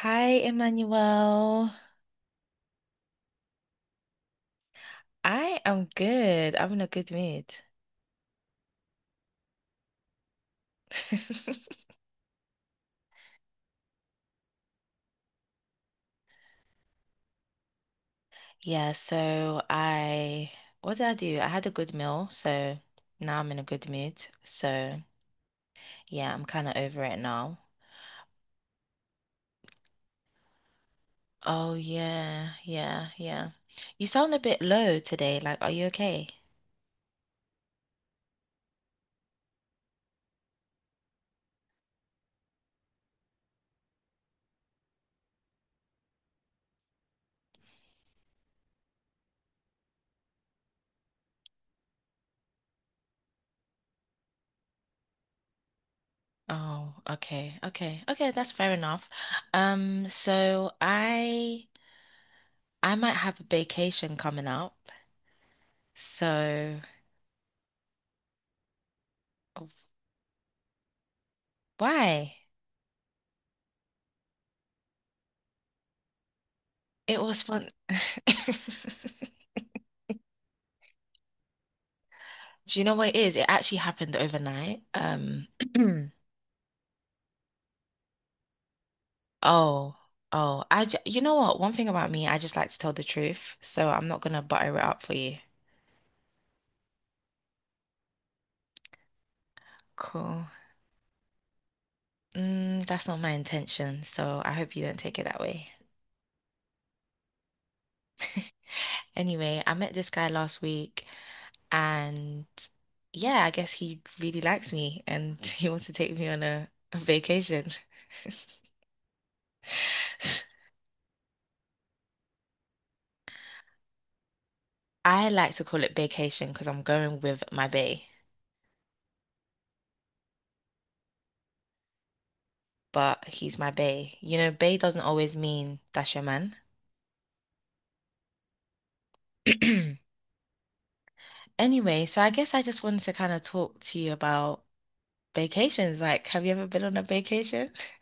Hi, Emmanuel. I am good. I'm in a good mood. Yeah, so I, what did I do? I had a good meal, so now I'm in a good mood. So yeah, I'm kind of over it now. Oh yeah, yeah, yeah. You sound a bit low today. Like, are you okay? Oh, okay, okay, okay. That's fair enough. Um, so I, I might have a vacation coming up. So why? It was fun. Do you know what it is? It actually happened overnight. Oh, you know what? One thing about me, I just like to tell the truth, so I'm not gonna butter it up for you. Cool. That's not my intention, so I hope you don't take it that way. Anyway, I met this guy last week, and yeah, I guess he really likes me, and he wants to take me on a vacation. I like to call it vacation because I'm going with my bae. But he's my bae. You know, bae doesn't always mean that's your man. Anyway, so I guess I just wanted to kind of talk to you about vacations. Like, have you ever been on a vacation?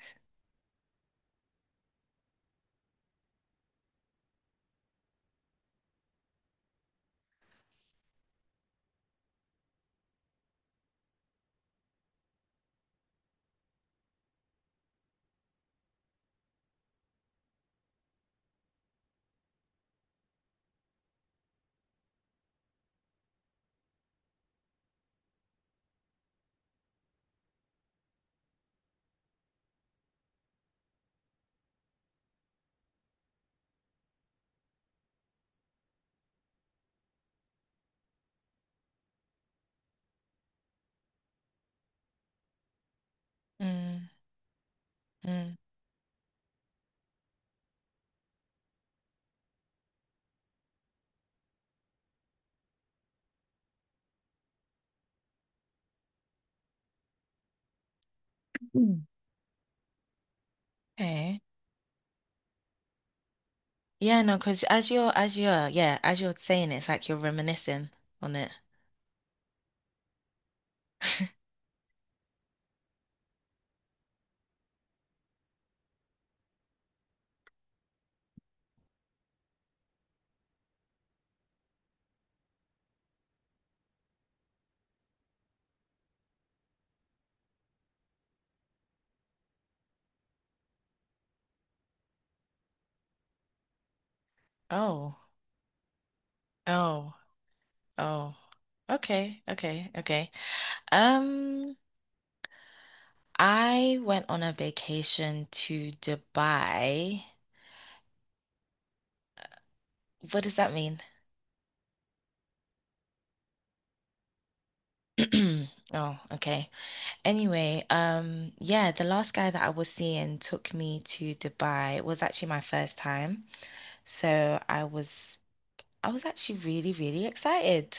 Mm, mm. Mm. Okay. Yeah, no, because as you're saying it, it's like you're reminiscing on it. Oh, oh, oh. Okay, okay, okay. Um, I went on a vacation to Dubai. What does that mean? Oh, okay. Anyway, yeah, the last guy that I was seeing took me to Dubai. It was actually my first time. So I was actually really, really excited.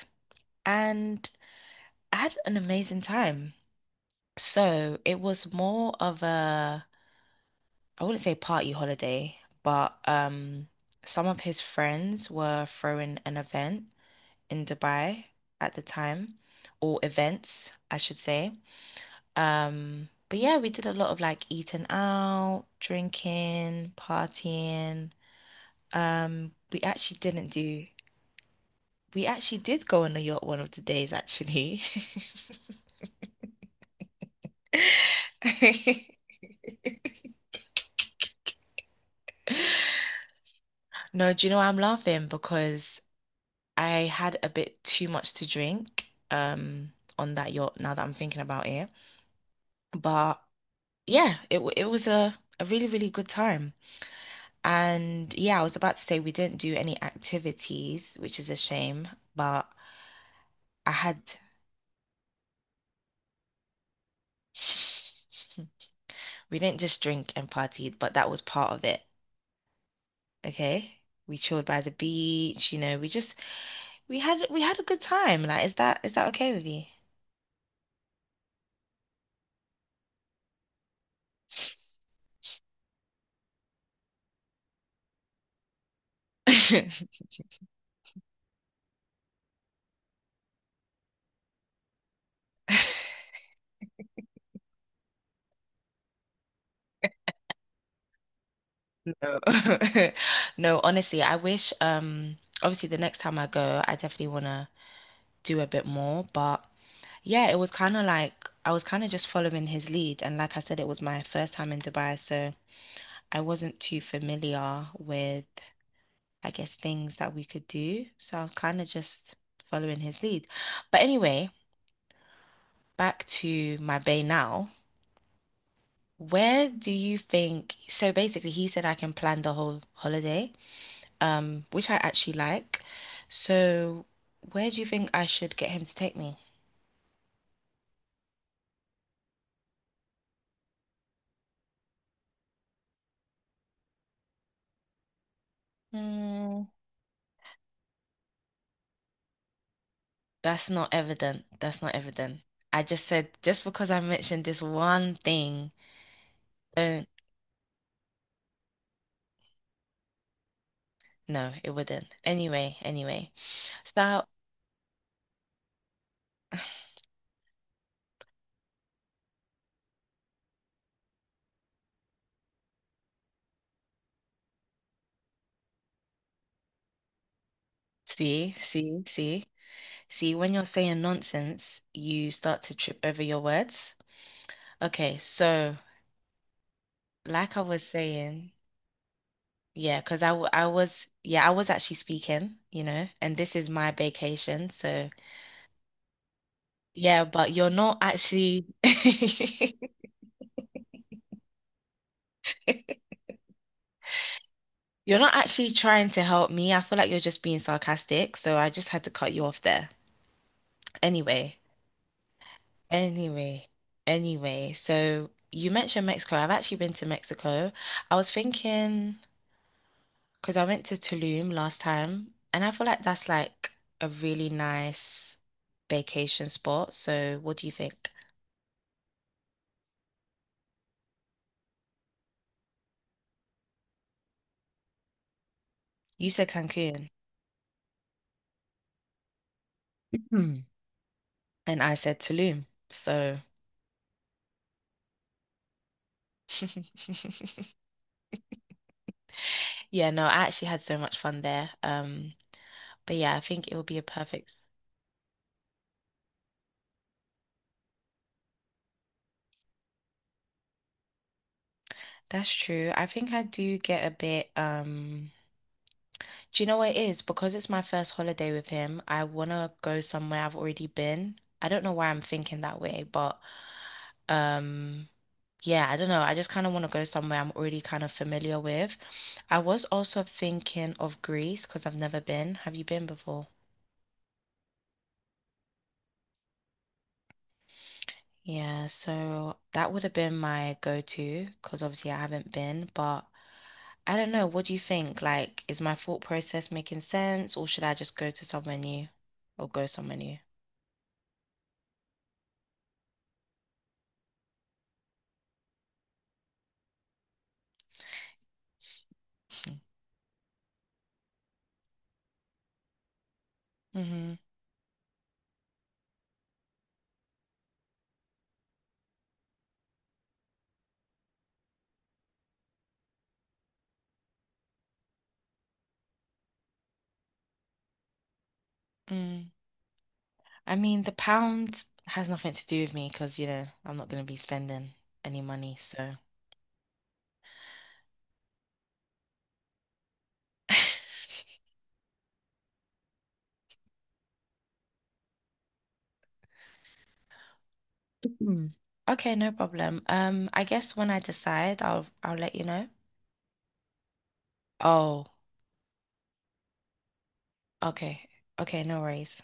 And I had an amazing time. So it was more of a I wouldn't say party holiday, but some of his friends were throwing an event in Dubai at the time, or events, I should say. But yeah, we did a lot of like eating out, drinking, partying. We actually didn't do, we actually did go on a yacht one of the days, actually. No, do you know why I'm laughing? Because I had a bit too much to drink, on that yacht now that I'm thinking about it. But yeah, it was a really, really good time. And yeah, I was about to say we didn't do any activities, which is a shame, but I had we didn't just drink and partied, but that was part of it. Okay? We chilled by the beach, you know, we had a good time. Like, is that okay with you? No. No, honestly, I wish obviously the next time I go, I definitely wanna do a bit more. But yeah, it was kind of like I was kind of just following his lead. And like I said, it was my first time in Dubai, so I wasn't too familiar with, I guess, things that we could do. So I was kind of just following his lead. But anyway, back to my bay now. Where do you think? So basically, he said I can plan the whole holiday, which I actually like. So where do you think I should get him to take me? Hmm. That's not evident. That's not evident. I just said just because I mentioned this one thing, don't, no, it wouldn't. So, see, see, see, see, when you're saying nonsense, you start to trip over your words. Okay, so like I was saying, yeah, because I, w- I was, yeah, I was actually speaking, you know, and this is my vacation. So, yeah, but you're not actually. You're not actually trying to help me. I feel like you're just being sarcastic, so I just had to cut you off there. Anyway, anyway, anyway. So you mentioned Mexico. I've actually been to Mexico. I was thinking because I went to Tulum last time, and I feel like that's like a really nice vacation spot. So what do you think? You said Cancun, and I said Tulum. So Yeah, no, I actually had so much fun there. But yeah, I think it will be a perfect. That's true. I think I do get a bit, do you know what it is? Because it's my first holiday with him, I wanna go somewhere I've already been. I don't know why I'm thinking that way, but um, yeah, I don't know. I just kind of want to go somewhere I'm already kind of familiar with. I was also thinking of Greece because I've never been. Have you been before? Yeah, so that would have been my go-to because obviously I haven't been, but I don't know. What do you think? Like, is my thought process making sense, or should I just go somewhere new? Mm-hmm. Mm. I mean, the pound has nothing to do with me because, you know, I'm not going to be spending any money. So, Mm. Okay, no problem. I guess when I decide, I'll let you know. Oh, okay. Okay, no worries.